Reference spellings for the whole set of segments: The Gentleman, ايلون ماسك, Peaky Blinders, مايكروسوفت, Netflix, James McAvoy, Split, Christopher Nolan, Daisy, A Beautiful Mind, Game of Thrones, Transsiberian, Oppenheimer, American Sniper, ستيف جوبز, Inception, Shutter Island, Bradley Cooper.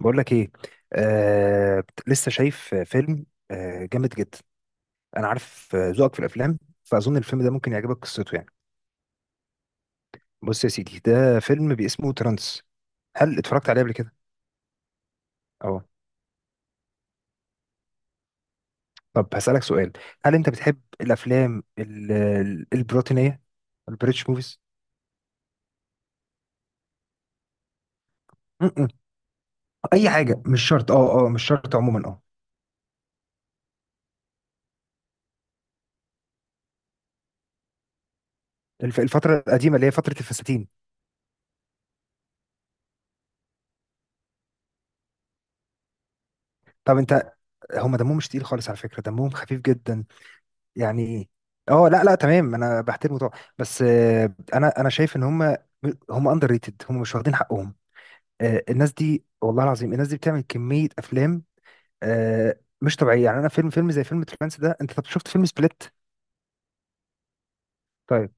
بقول لك ايه. لسه شايف فيلم. آه جامد جدا. انا عارف، ذوقك في الافلام، فاظن الفيلم ده ممكن يعجبك قصته يعني. بص يا سيدي، ده فيلم باسمه ترانس. هل اتفرجت عليه قبل كده؟ اه. طب هسألك سؤال، هل انت بتحب الافلام البروتينية، البريتش موفيز؟ م-م. اي حاجه، مش شرط، اه مش شرط، عموما اه. الفتره القديمه، اللي هي فتره الفساتين. طب انت، هم دمهم مش تقيل خالص، على فكره دمهم خفيف جدا يعني. لا تمام، انا بحترمه طبعا، بس انا شايف ان هم، هم اندر ريتد، هم مش واخدين حقهم. الناس دي والله العظيم، الناس دي بتعمل كمية افلام مش طبيعية يعني. انا فيلم زي فيلم ترانس ده. انت طب شفت فيلم سبليت؟ طيب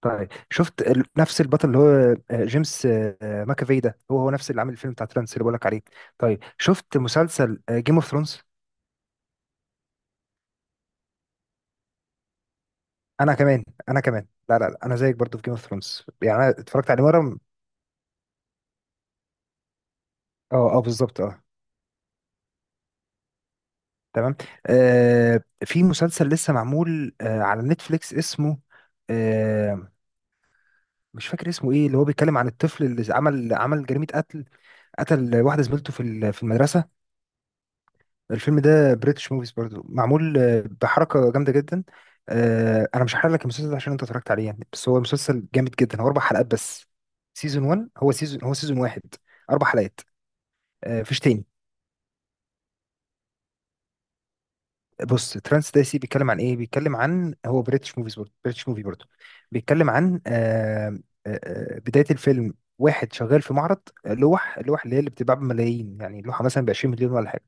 طيب، شفت نفس البطل، اللي هو جيمس، ماكافي؟ ده هو هو نفس اللي عامل الفيلم بتاع ترانس اللي بقولك عليه. طيب شفت مسلسل جيم اوف ثرونز؟ انا كمان، لا لا لا، انا زيك برضو في جيم اوف ثرونز، يعني انا اتفرجت عليه مرة. اه بالظبط، اه. تمام. آه، في مسلسل لسه معمول على نتفليكس اسمه، آه، مش فاكر اسمه ايه، اللي هو بيتكلم عن الطفل اللي عمل جريمة قتل، قتل واحدة زميلته في في المدرسة. الفيلم ده بريتش موفيز برضو، معمول بحركة جامدة جدا. آه، انا مش هحرق لك المسلسل ده عشان انت اتفرجت عليه يعني، بس هو مسلسل جامد جدا. هو اربع حلقات بس، سيزون 1، هو سيزون واحد، اربع حلقات. مفيش تاني. بص ترانس دايسي، بيتكلم عن ايه؟ بيتكلم عن، هو بريتش موفيز برضه، بريتش موفي برضه، بيتكلم عن، بداية الفيلم واحد شغال في معرض، لوح اللي هي اللي بتتباع بملايين، يعني لوحة مثلا ب 20 مليون ولا حاجة.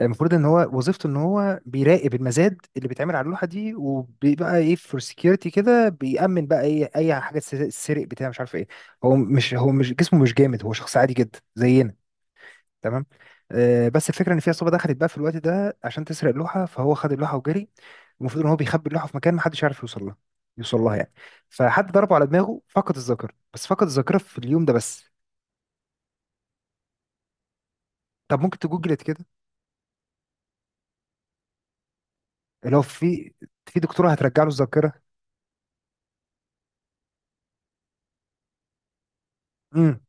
المفروض ان هو وظيفته ان هو بيراقب المزاد اللي بيتعمل على اللوحة دي، وبيبقى ايه، فور سكيورتي كده، بيأمن بقى ايه اي حاجة تسرق بتاع مش عارف ايه. هو مش، جسمه مش جامد، هو شخص عادي جدا زينا. تمام. آه، بس الفكره ان في عصابه دخلت بقى في الوقت ده عشان تسرق اللوحه، فهو خد اللوحه وجري. المفروض ان هو بيخبي اللوحه في مكان محدش يعرف يوصل لها، يعني. فحد ضربه على دماغه، فقد الذاكره، بس فقد الذاكره في اليوم ده بس. طب ممكن تجوجلت كده. اللي هو في، في دكتوره هترجع له الذاكره. امم.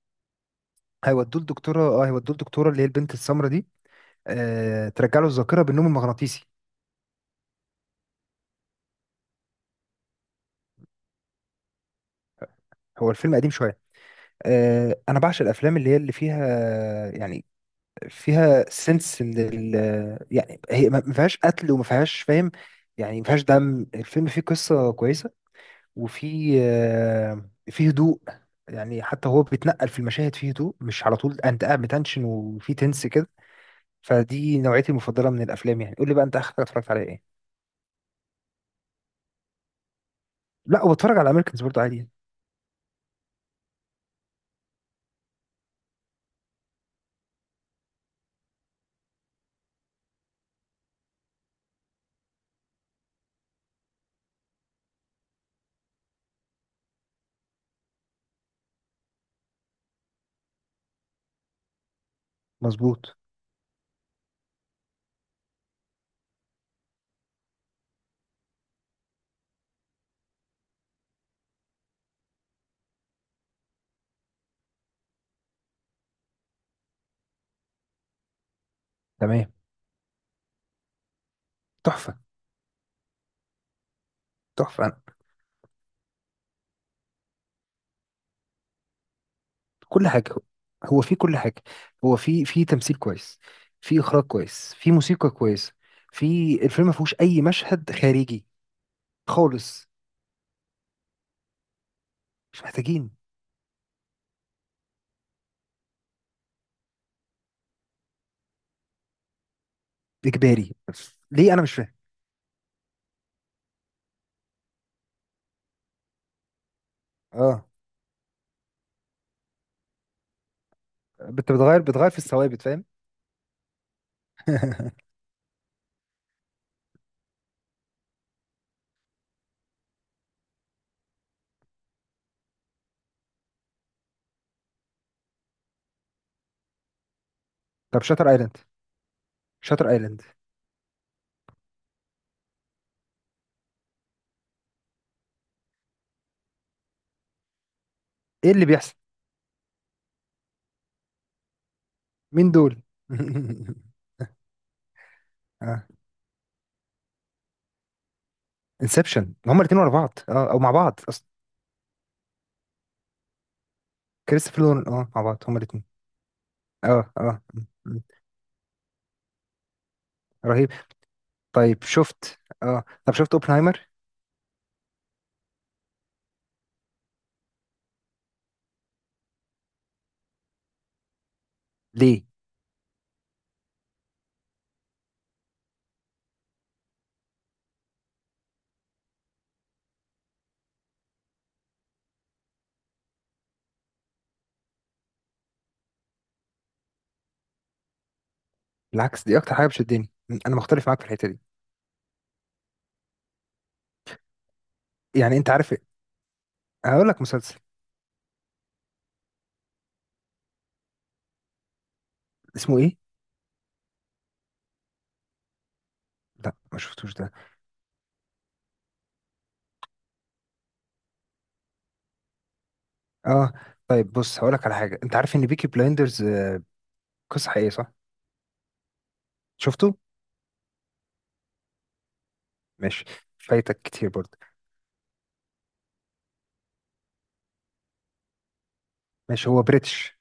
هيودوه لدكتوره، اللي هي البنت السمراء دي. آه، ترجع له الذاكره بالنوم المغناطيسي. هو الفيلم قديم شويه. آه، انا بعشق الافلام اللي هي اللي فيها، يعني فيها سنس من ال، يعني هي ما فيهاش قتل وما فيهاش، فاهم يعني، ما فيهاش دم. الفيلم فيه قصة كويسة، وفي فيه هدوء، يعني حتى هو بيتنقل في المشاهد فيه هدوء، مش على طول انت قاعد بتنشن وفي تنس كده. فدي نوعيتي المفضلة من الافلام. يعني قول لي بقى انت اخر حاجة اتفرجت عليها ايه؟ لا، وبتفرج على امريكانز برضه عادي يعني. مظبوط. تمام. تحفة. تحفة. كل حاجة، هو في كل حاجة، هو في، في تمثيل كويس، في إخراج كويس، في موسيقى كويس. في الفيلم ما فيهوش أي مشهد خارجي خالص. مش محتاجين. إجباري؟ ليه؟ أنا مش فاهم. اه، بتغير، بتغير في الثوابت، فاهم. طب شاتر ايلاند، شاتر ايلاند. ايه اللي بيحصل؟ مين دول؟ اه، انسبشن، هما الاثنين ورا بعض، اه، او مع بعض اصلا. كريستوفر نولان، اه، مع بعض هما الاثنين. اه م- م. رهيب. طيب شفت، اه، طب شفت اوبنهايمر؟ ليه؟ بالعكس، دي اكتر حاجه بتشدني، انا مختلف معاك في الحته دي. يعني انت عارف إيه؟ هقول لك مسلسل. اسمه ايه؟ لا ما شفتوش ده. اه. طيب بص هقول لك على حاجه، انت عارف ان بيكي بلايندرز قصه حقيقيه، صح؟ شفته؟ ماشي. فايتك كتير برضه. ماشي، هو بريتش،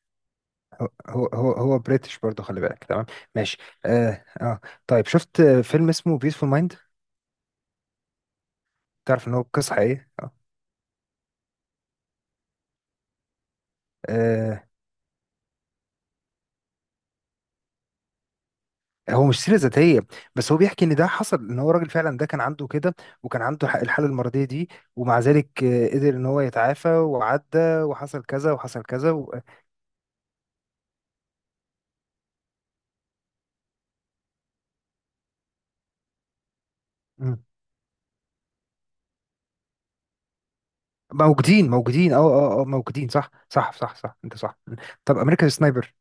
هو بريتش برضه، خلي بالك. تمام. ماشي. اه اه. طيب شفت فيلم اسمه بيسفول مايند؟ تعرف ان هو قصه حقيقيه؟ اه. آه، هو مش سيرة ذاتية، بس هو بيحكي ان ده حصل، ان هو راجل فعلا ده كان عنده كده، وكان عنده الحالة المرضية دي، ومع ذلك قدر ان هو يتعافى وعدى، وحصل كذا وحصل كذا و... مم. موجودين اه اه اه، موجودين، صح صح صح صح، انت صح. طب امريكان سنايبر،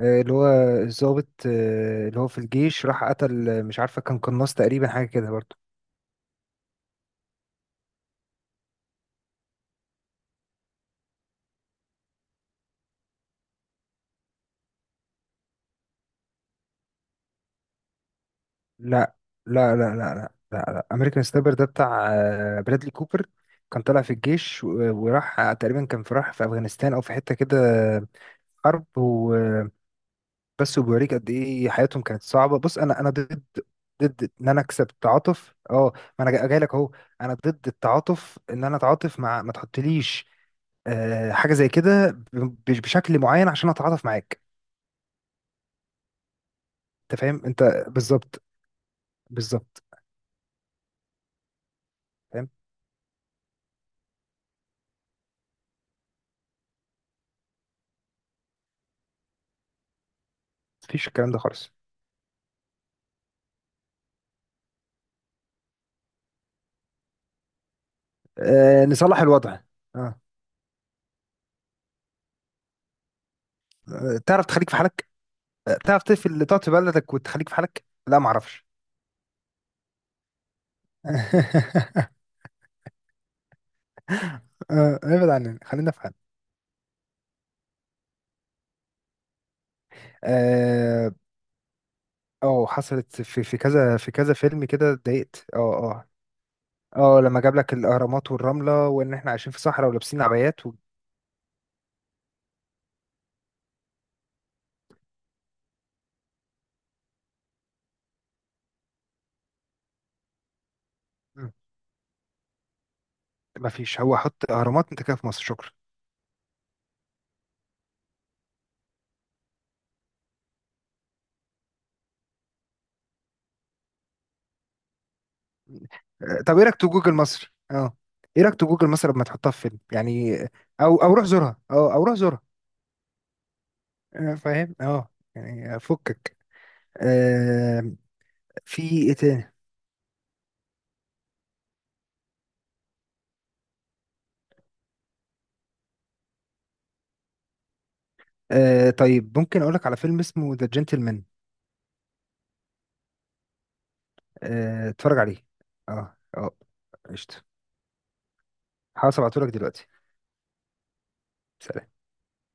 آه، اللي هو الضابط اللي هو في الجيش، راح قتل، مش عارفة، كان قناص تقريبا حاجة كده برضه. لا لا. امريكان سنايبر ده بتاع برادلي كوبر، كان طالع في الجيش وراح، تقريبا كان في، راح في افغانستان او في حته كده، حرب وبس. وبيوريك قد ايه حياتهم كانت صعبه. بص انا ضد، ضد ان انا اكسب تعاطف، اه. ما انا جاي لك اهو. انا ضد التعاطف، ان انا اتعاطف مع، ما تحطليش حاجه زي كده بشكل معين عشان اتعاطف معاك. انت فاهم، انت بالظبط بالظبط فاهم. مفيش الكلام ده خالص. نصلح الوضع. اه. تعرف تخليك في حالك، تعرف تقفل، تقعد في بلدك وتخليك في حالك، لا ما اعرفش. ابعد عننا، خلينا في حالك. اه. حصلت، في في كذا، في كذا فيلم كده اتضايقت اه. اه اه لما جاب لك الاهرامات والرمله، وان احنا عايشين في صحراء ولابسين عبايات و... ما فيش. هو حط اهرامات، انت كده في مصر، شكرا. طب ايه رايك تو جوجل مصر، اه؟ ايه رايك تو جوجل مصر لما تحطها في فيلم يعني؟ او روح زورها، اه، او روح زورها. فاهم، اه، يعني فكك. آه في ايه تاني؟ آه، طيب ممكن اقولك على فيلم اسمه ذا جنتلمان. آه اتفرج عليه، اه. قشطة، هبعتهولك دلوقتي. سلام.